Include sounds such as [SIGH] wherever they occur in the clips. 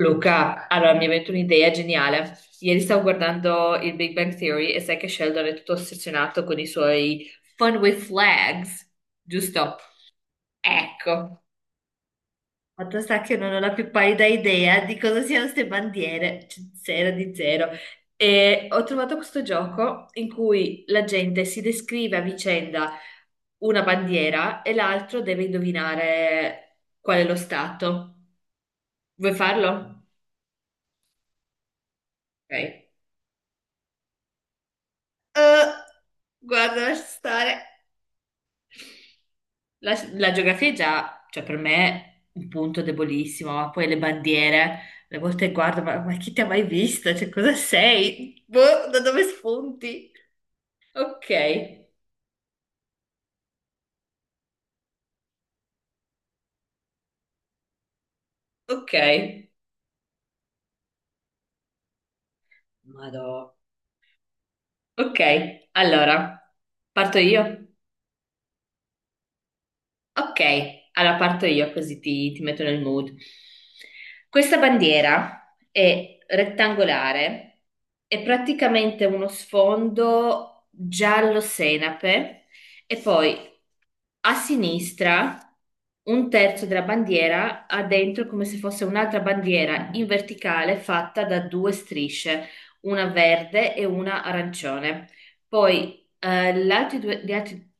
Luca, allora mi è venuta un'idea geniale. Ieri stavo guardando il Big Bang Theory e sai che Sheldon è tutto ossessionato con i suoi fun with flags, giusto? Ecco, fatto sta che non ho la più pallida idea di cosa siano queste bandiere, cioè, zero di zero. E ho trovato questo gioco in cui la gente si descrive a vicenda una bandiera e l'altro deve indovinare qual è lo stato. Vuoi farlo? Ok. Eh, guarda, lascia stare. La geografia è già, cioè per me, un punto debolissimo, ma poi le bandiere, le volte guardo, ma chi ti ha mai visto? Cioè, cosa sei? Boh, da dove spunti? Ok, ok, madò. Ok, allora, parto io. Ok, allora parto io così ti metto nel mood. Questa bandiera è rettangolare, è praticamente uno sfondo giallo senape e poi a sinistra un terzo della bandiera ha dentro come se fosse un'altra bandiera in verticale fatta da due strisce, una verde e una arancione. Poi gli altri due,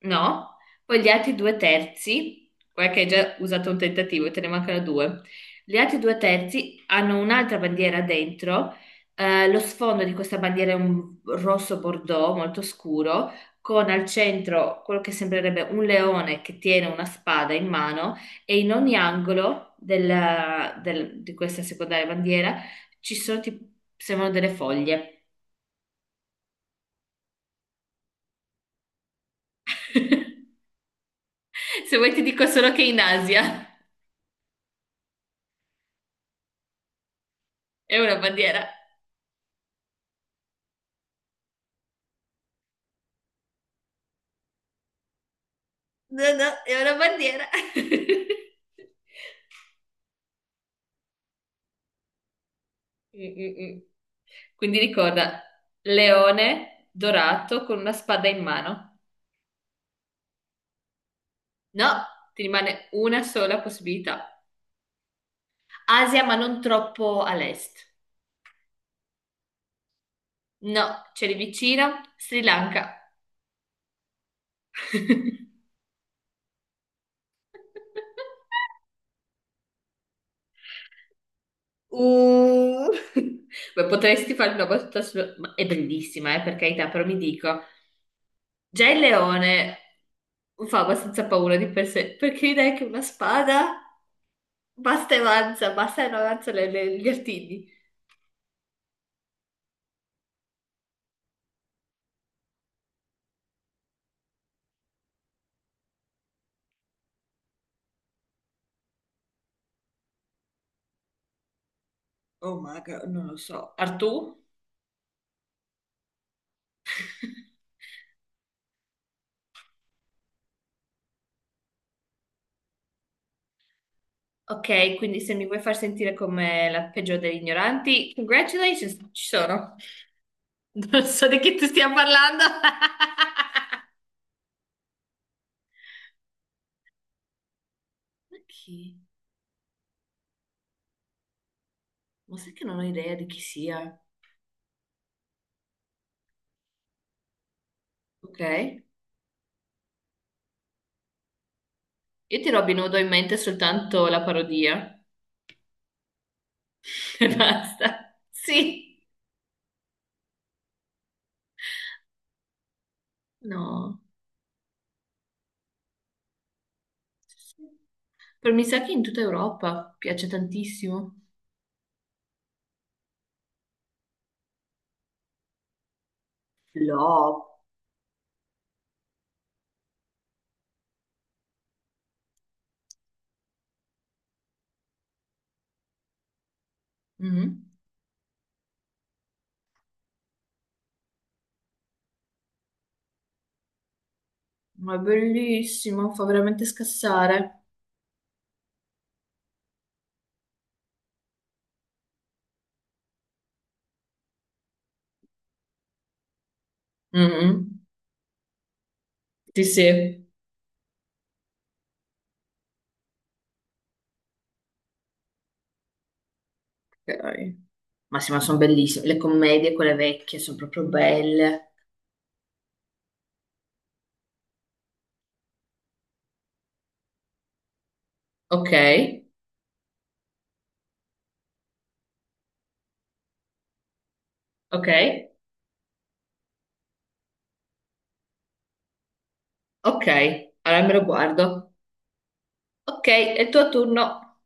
No? Poi gli altri due terzi, guarda che hai già usato un tentativo e te ne mancano due. Gli altri due terzi hanno un'altra bandiera dentro. Lo sfondo di questa bandiera è un rosso bordeaux molto scuro, con al centro quello che sembrerebbe un leone che tiene una spada in mano e in ogni angolo di questa secondaria bandiera ci sono, tipo, sembrano delle foglie. [LAUGHS] Se vuoi ti dico solo che in Asia [LAUGHS] è una bandiera. No, no, è una bandiera. [LAUGHS] Mm, mm, mm. Quindi ricorda, leone dorato con una spada in mano. No, ti rimane una sola possibilità. Asia, ma non troppo all'est. No, c'è lì vicino, Sri Lanka. [LAUGHS] Uh. Beh, potresti fare una battuta su... ma è bellissima, per carità, però mi dico, già il leone fa abbastanza paura di per sé, perché direi che una spada basta e avanza, basta e non avanza gli artigli. Oh my God, non lo so. Artù? [LAUGHS] Ok, quindi se mi vuoi far sentire come la peggiore degli ignoranti, congratulations, ci sono. [LAUGHS] Non so di chi tu stia parlando. [LAUGHS] Ma chi? Ma sai che non ho idea di chi sia? Ok, io ti Robin Hood ho in mente soltanto la parodia. [LAUGHS] E basta. Sì. No. Però mi sa che in tutta Europa piace tantissimo. No, mhm. Ma è bellissimo, fa veramente scassare. Mhm. Sì, sì. Ok. Ma sì, ma sono bellissime. Le commedie, quelle vecchie, sono proprio belle. Ok, ok, ok. Allora me lo guardo. Ok, è il tuo turno.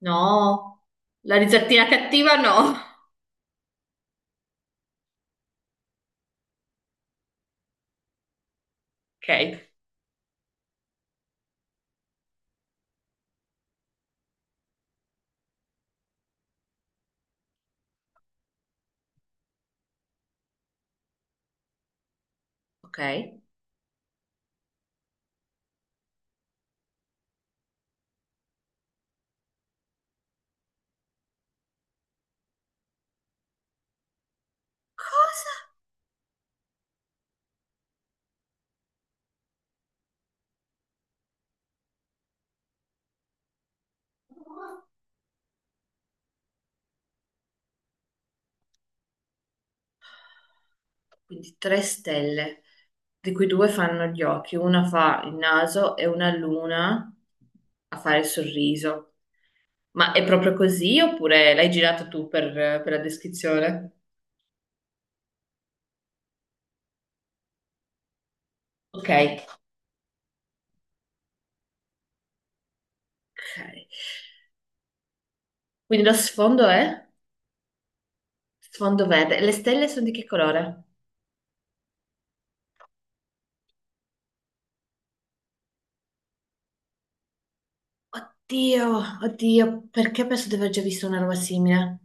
No, la risatina cattiva no. Ok, ok. Cosa? Quindi tre stelle, di cui due fanno gli occhi, una fa il naso e una l'una a fare il sorriso. Ma è proprio così oppure l'hai girato tu per la descrizione? Ok, ok. Quindi lo sfondo è sfondo verde. Le stelle sono di che colore? Oddio, oddio, perché penso di aver già visto una roba simile?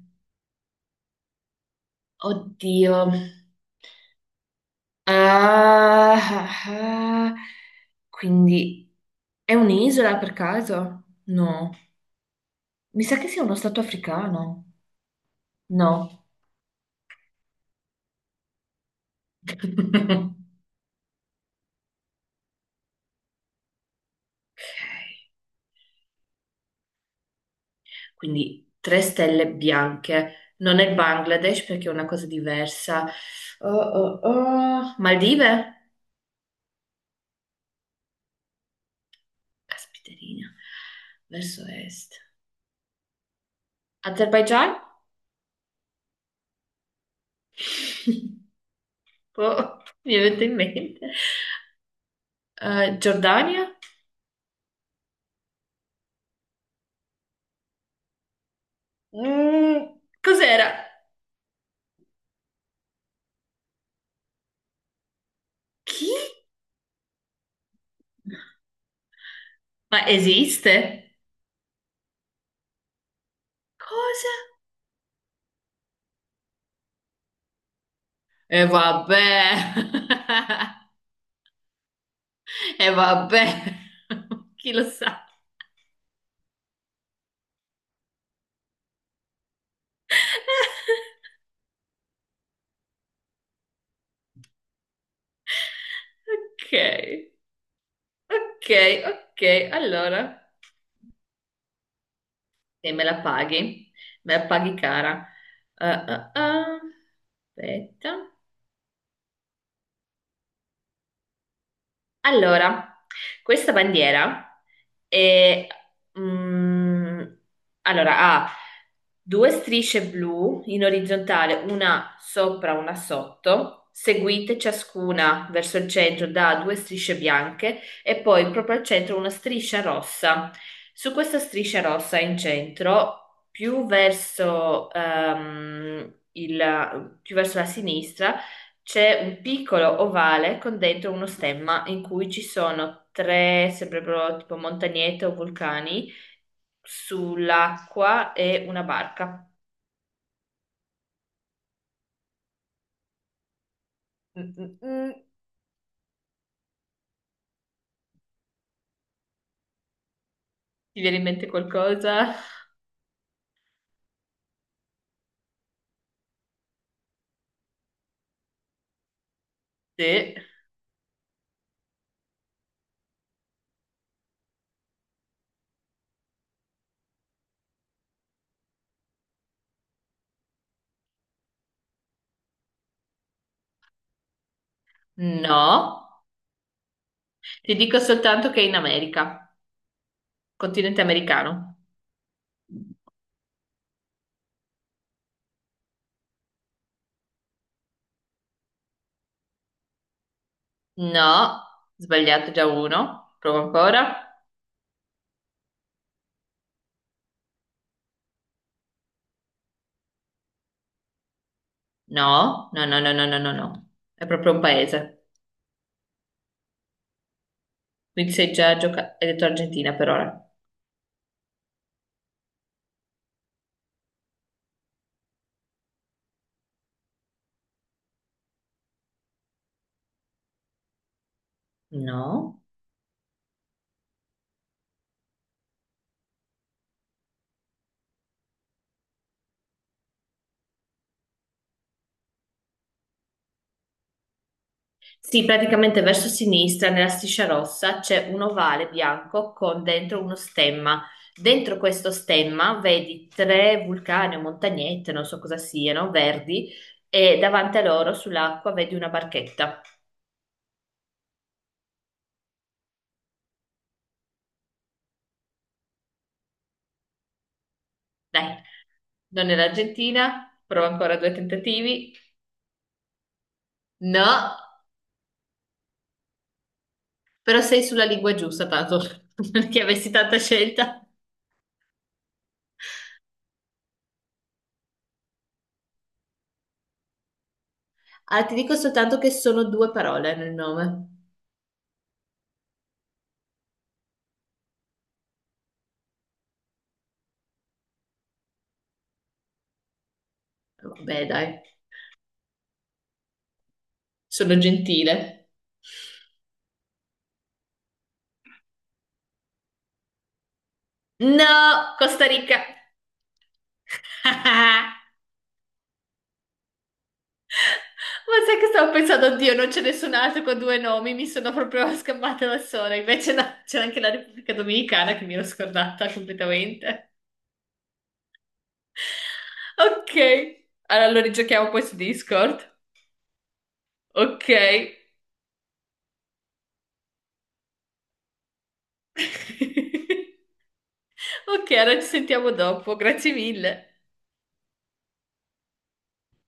Oddio. Ah, ah, ah. Quindi è un'isola per caso? No. Mi sa che sia uno stato africano. No. [LAUGHS] Ok. Quindi tre stelle bianche. Non è il Bangladesh perché è una cosa diversa. Oh, oh, oh. Maldive? Caspiterina. Verso est. Azerbaigian? [LAUGHS] Oh, mi è venuto in mente. Giordania? Mm, cos'era? Chi? Ma esiste? Cosa? E vabbè. [LAUGHS] E vabbè. [LAUGHS] Chi lo sa? [LAUGHS] Ok. Ok, ok. Allora, e me la paghi. Me la paghi cara. Ah, ah, ah. Aspetta. Allora, questa bandiera è, mm, allora, ha due strisce blu in orizzontale, una sopra, una sotto, seguite ciascuna verso il centro da due strisce bianche e poi proprio al centro una striscia rossa. Su questa striscia rossa in centro, più verso, più verso la sinistra, c'è un piccolo ovale con dentro uno stemma in cui ci sono tre, sembrerebbero tipo montagnette o vulcani, sull'acqua e una barca. Mm, mm, mm. Ti viene in mente qualcosa? Sì. No. Ti dico soltanto che è in America, continente americano. No. Sbagliato già uno. Provo ancora. No, no, no, no, no, no, no, no. È proprio un paese. Quindi sei già giocato. Hai detto Argentina per ora. No. Sì, praticamente verso sinistra, nella striscia rossa, c'è un ovale bianco con dentro uno stemma. Dentro questo stemma vedi tre vulcani o montagnette, non so cosa siano, verdi, e davanti a loro sull'acqua vedi una barchetta. Dai, non è l'Argentina, prova ancora due tentativi. No, però sei sulla lingua giusta, tanto [LAUGHS] perché avessi tanta scelta. Ah, ti dico soltanto che sono due parole nel nome. Vabbè, dai, sono gentile. No, Costa Rica. [LAUGHS] Ma sai che stavo pensando, oddio, non c'è nessun altro con due nomi, mi sono proprio scappata da sola. Invece no, c'è anche la Repubblica Dominicana che mi ero scordata completamente. Ok, allora lo rigiochiamo poi su Discord. Ok. [LAUGHS] Ok, allora ci sentiamo dopo, grazie mille.